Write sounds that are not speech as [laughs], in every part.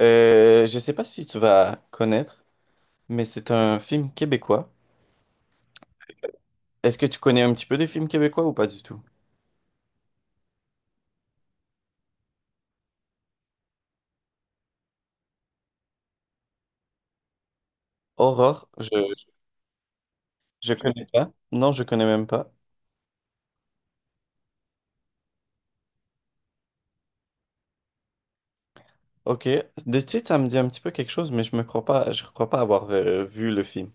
Je sais pas si tu vas connaître, mais c'est un film québécois. Est-ce que tu connais un petit peu des films québécois ou pas du tout? Aurore, je, je connais pas. Non, je connais même pas. Ok. De titre, ça me dit un petit peu quelque chose, mais je crois pas avoir vu le film.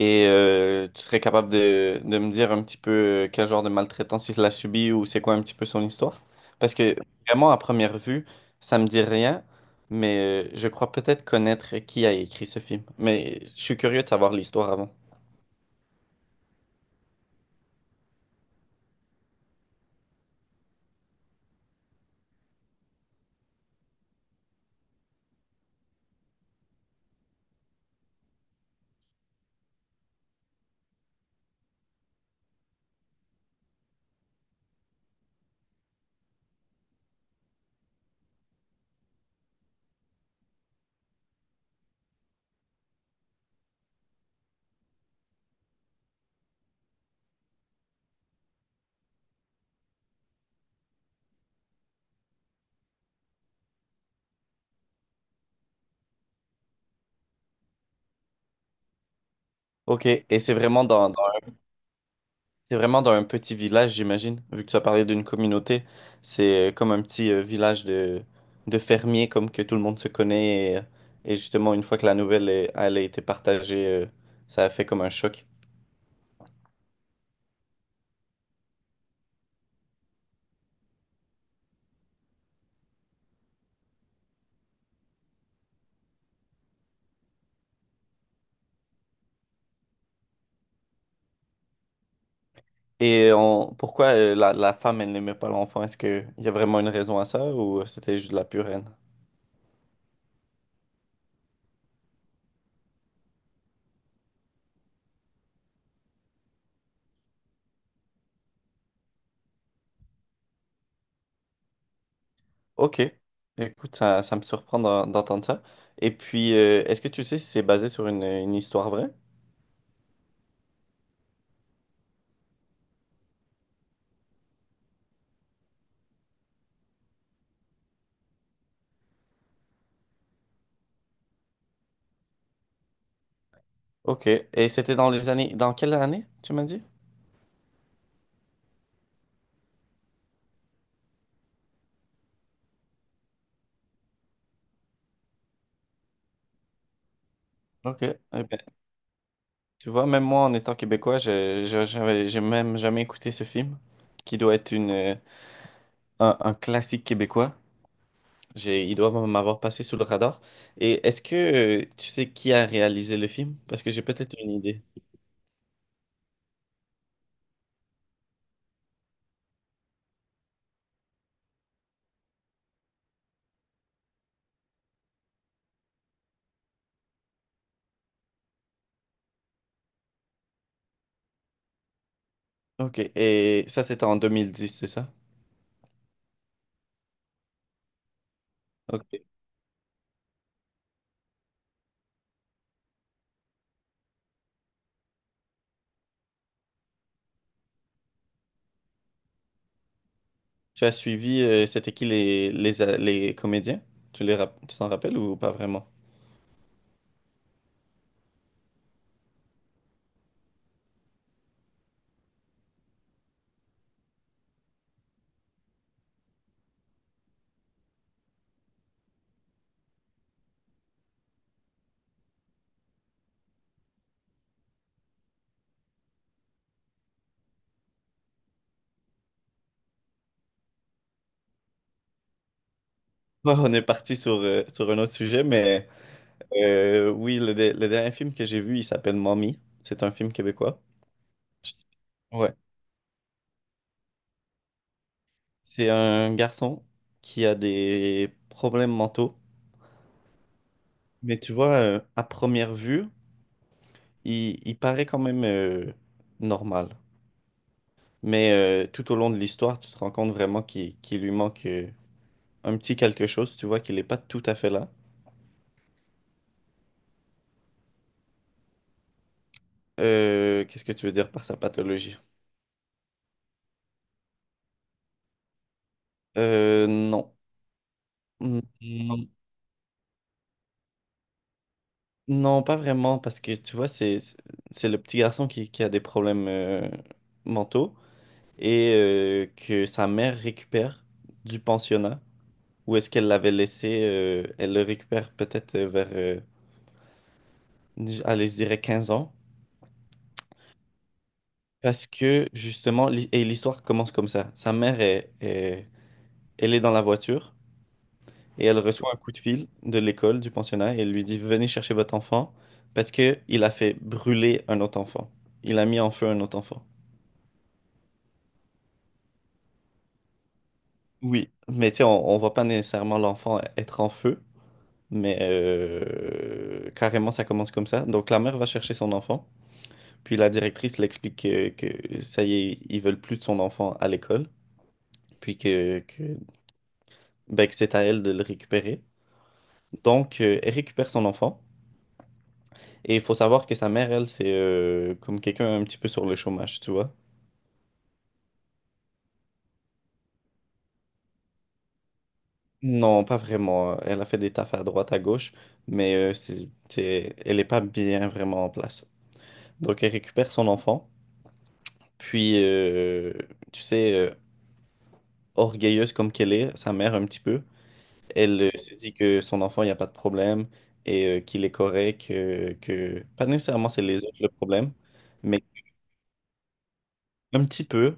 Et tu serais capable de me dire un petit peu quel genre de maltraitance il a subi ou c'est quoi un petit peu son histoire? Parce que vraiment, à première vue, ça me dit rien, mais je crois peut-être connaître qui a écrit ce film. Mais je suis curieux de savoir l'histoire avant. Ok, et c'est vraiment dans un petit village, j'imagine. Vu que tu as parlé d'une communauté, c'est comme un petit village de fermiers, comme que tout le monde se connaît. Et justement, une fois que elle a été partagée, ça a fait comme un choc. Et pourquoi la femme, elle n'aimait pas l'enfant? Est-ce qu'il y a vraiment une raison à ça ou c'était juste de la pure haine? Ok. Écoute, ça me surprend d'entendre ça. Et puis, est-ce que tu sais si c'est basé sur une histoire vraie? Ok. Et c'était dans les années. Dans quelle année, tu m'as dit? Ok. Eh ben, tu vois, même moi, en étant québécois, j'ai même jamais écouté ce film, qui doit être un classique québécois. Ils doivent m'avoir passé sous le radar. Et est-ce que tu sais qui a réalisé le film? Parce que j'ai peut-être une idée. Ok, et ça c'était en 2010, c'est ça? Ok. Tu as suivi, c'était qui les comédiens? Tu t'en rappelles ou pas vraiment? [laughs] Bon, on est parti sur un autre sujet, mais oui, le dernier film que j'ai vu, il s'appelle Mommy. C'est un film québécois. Ouais. C'est un garçon qui a des problèmes mentaux. Mais tu vois, à première vue, il paraît quand même normal. Mais tout au long de l'histoire, tu te rends compte vraiment qu'il lui manque un petit quelque chose. Tu vois qu'il n'est pas tout à fait là. Qu'est-ce que tu veux dire par sa pathologie? Non. Mm, non, non, pas vraiment, parce que tu vois, c'est le petit garçon qui a des problèmes mentaux et que sa mère récupère du pensionnat. Où est-ce qu'elle l'avait laissé? Elle le récupère peut-être vers, allez, je dirais 15 ans. Parce que justement, et l'histoire commence comme ça. Sa mère elle est dans la voiture et elle reçoit un coup de fil de l'école, du pensionnat, et elle lui dit, venez chercher votre enfant parce que il a fait brûler un autre enfant. Il a mis en feu un autre enfant. Oui, mais tu sais, on voit pas nécessairement l'enfant être en feu, mais carrément ça commence comme ça. Donc la mère va chercher son enfant, puis la directrice l'explique que ça y est, ils veulent plus de son enfant à l'école, puis ben, que c'est à elle de le récupérer. Donc, elle récupère son enfant. Et il faut savoir que sa mère, elle, c'est comme quelqu'un un petit peu sur le chômage, tu vois. Non, pas vraiment. Elle a fait des tafs à droite, à gauche, mais elle n'est pas bien vraiment en place. Donc, elle récupère son enfant. Puis, tu sais, orgueilleuse comme qu'elle est, sa mère un petit peu, elle se dit que son enfant, il n'y a pas de problème et qu'il est correct, que pas nécessairement c'est les autres le problème, mais un petit peu.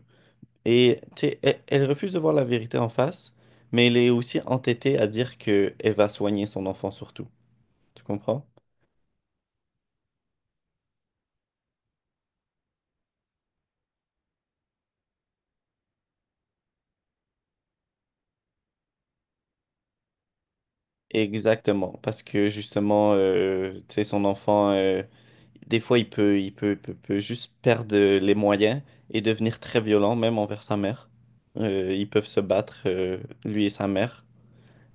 Et tu sais, elle refuse de voir la vérité en face, mais elle est aussi entêtée à dire que elle va soigner son enfant surtout. Tu comprends? Exactement, parce que justement, tu sais, son enfant, des fois, il peut juste perdre les moyens et devenir très violent, même envers sa mère. Ils peuvent se battre, lui et sa mère.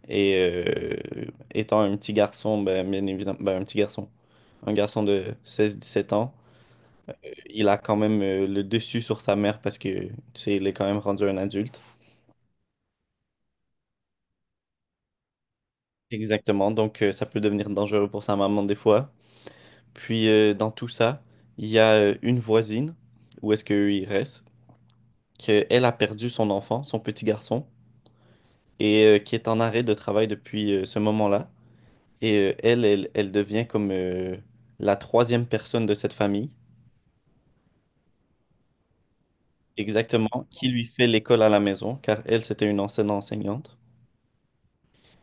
Et étant un petit garçon, ben, bien évidemment, ben, un garçon de 16-17 ans, il a quand même le dessus sur sa mère parce que, tu sais, il est quand même rendu un adulte. Exactement, donc ça peut devenir dangereux pour sa maman des fois. Puis dans tout ça, il y a une voisine, où est-ce qu'il reste, qu'elle a perdu son enfant, son petit garçon, et qui est en arrêt de travail depuis ce moment-là. Et elle devient comme la troisième personne de cette famille, exactement, qui lui fait l'école à la maison, car elle, c'était une ancienne enseignante,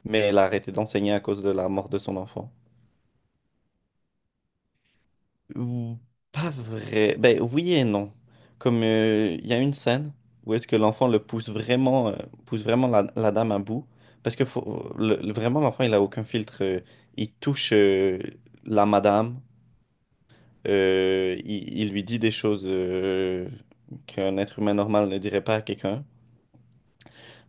mais elle a arrêté d'enseigner à cause de la mort de son enfant. Ou- Pas vrai. Ben oui et non. Comme il y a une scène où est-ce que l'enfant le pousse vraiment la dame à bout. Parce que vraiment, l'enfant, il a aucun filtre. Il touche la madame. Il lui dit des choses qu'un être humain normal ne dirait pas à quelqu'un.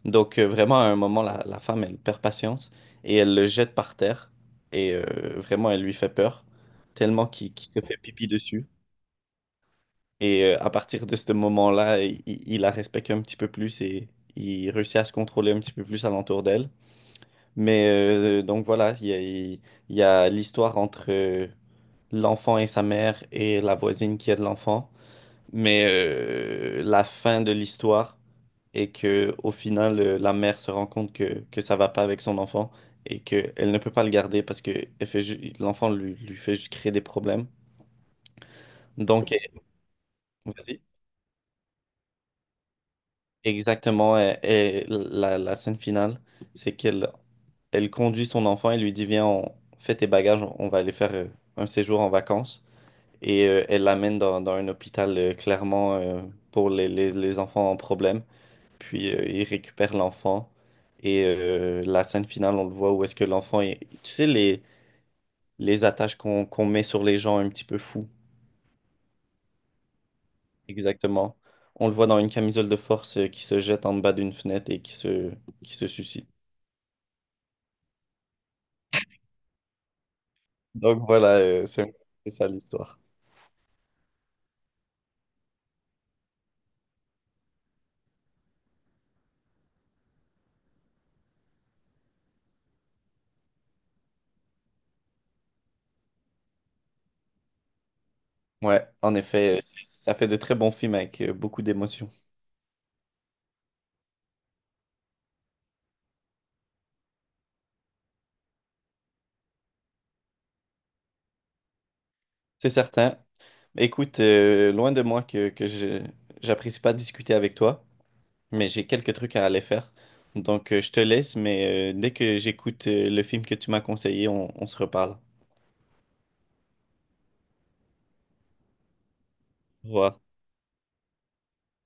Donc vraiment, à un moment, la femme, elle perd patience et elle le jette par terre. Et vraiment, elle lui fait peur. Tellement qu'il se fait pipi dessus. Et à partir de ce moment-là, il la respecte un petit peu plus et il réussit à se contrôler un petit peu plus alentour d'elle. Mais donc voilà, il y a l'histoire entre l'enfant et sa mère et la voisine qui aide l'enfant. Mais la fin de l'histoire est que au final, la mère se rend compte que ça va pas avec son enfant et qu'elle ne peut pas le garder parce que l'enfant lui fait juste créer des problèmes. Donc, vas-y. Exactement. Et la scène finale, c'est qu'elle elle conduit son enfant et lui dit, viens, on fait tes bagages, on va aller faire un séjour en vacances. Et elle l'amène dans un hôpital clairement pour les enfants en problème. Puis il récupère l'enfant. Et la scène finale, on le voit où est-ce que l'enfant est. Tu sais, les attaches qu'on met sur les gens un petit peu fous. Exactement. On le voit dans une camisole de force qui se jette en bas d'une fenêtre et qui se suicide. Donc voilà, c'est un peu ça l'histoire. Ouais, en effet, ça fait de très bons films avec beaucoup d'émotions. C'est certain. Écoute, loin de moi que je j'apprécie pas discuter avec toi, mais j'ai quelques trucs à aller faire. Donc je te laisse, mais dès que j'écoute le film que tu m'as conseillé, on se reparle. Au revoir.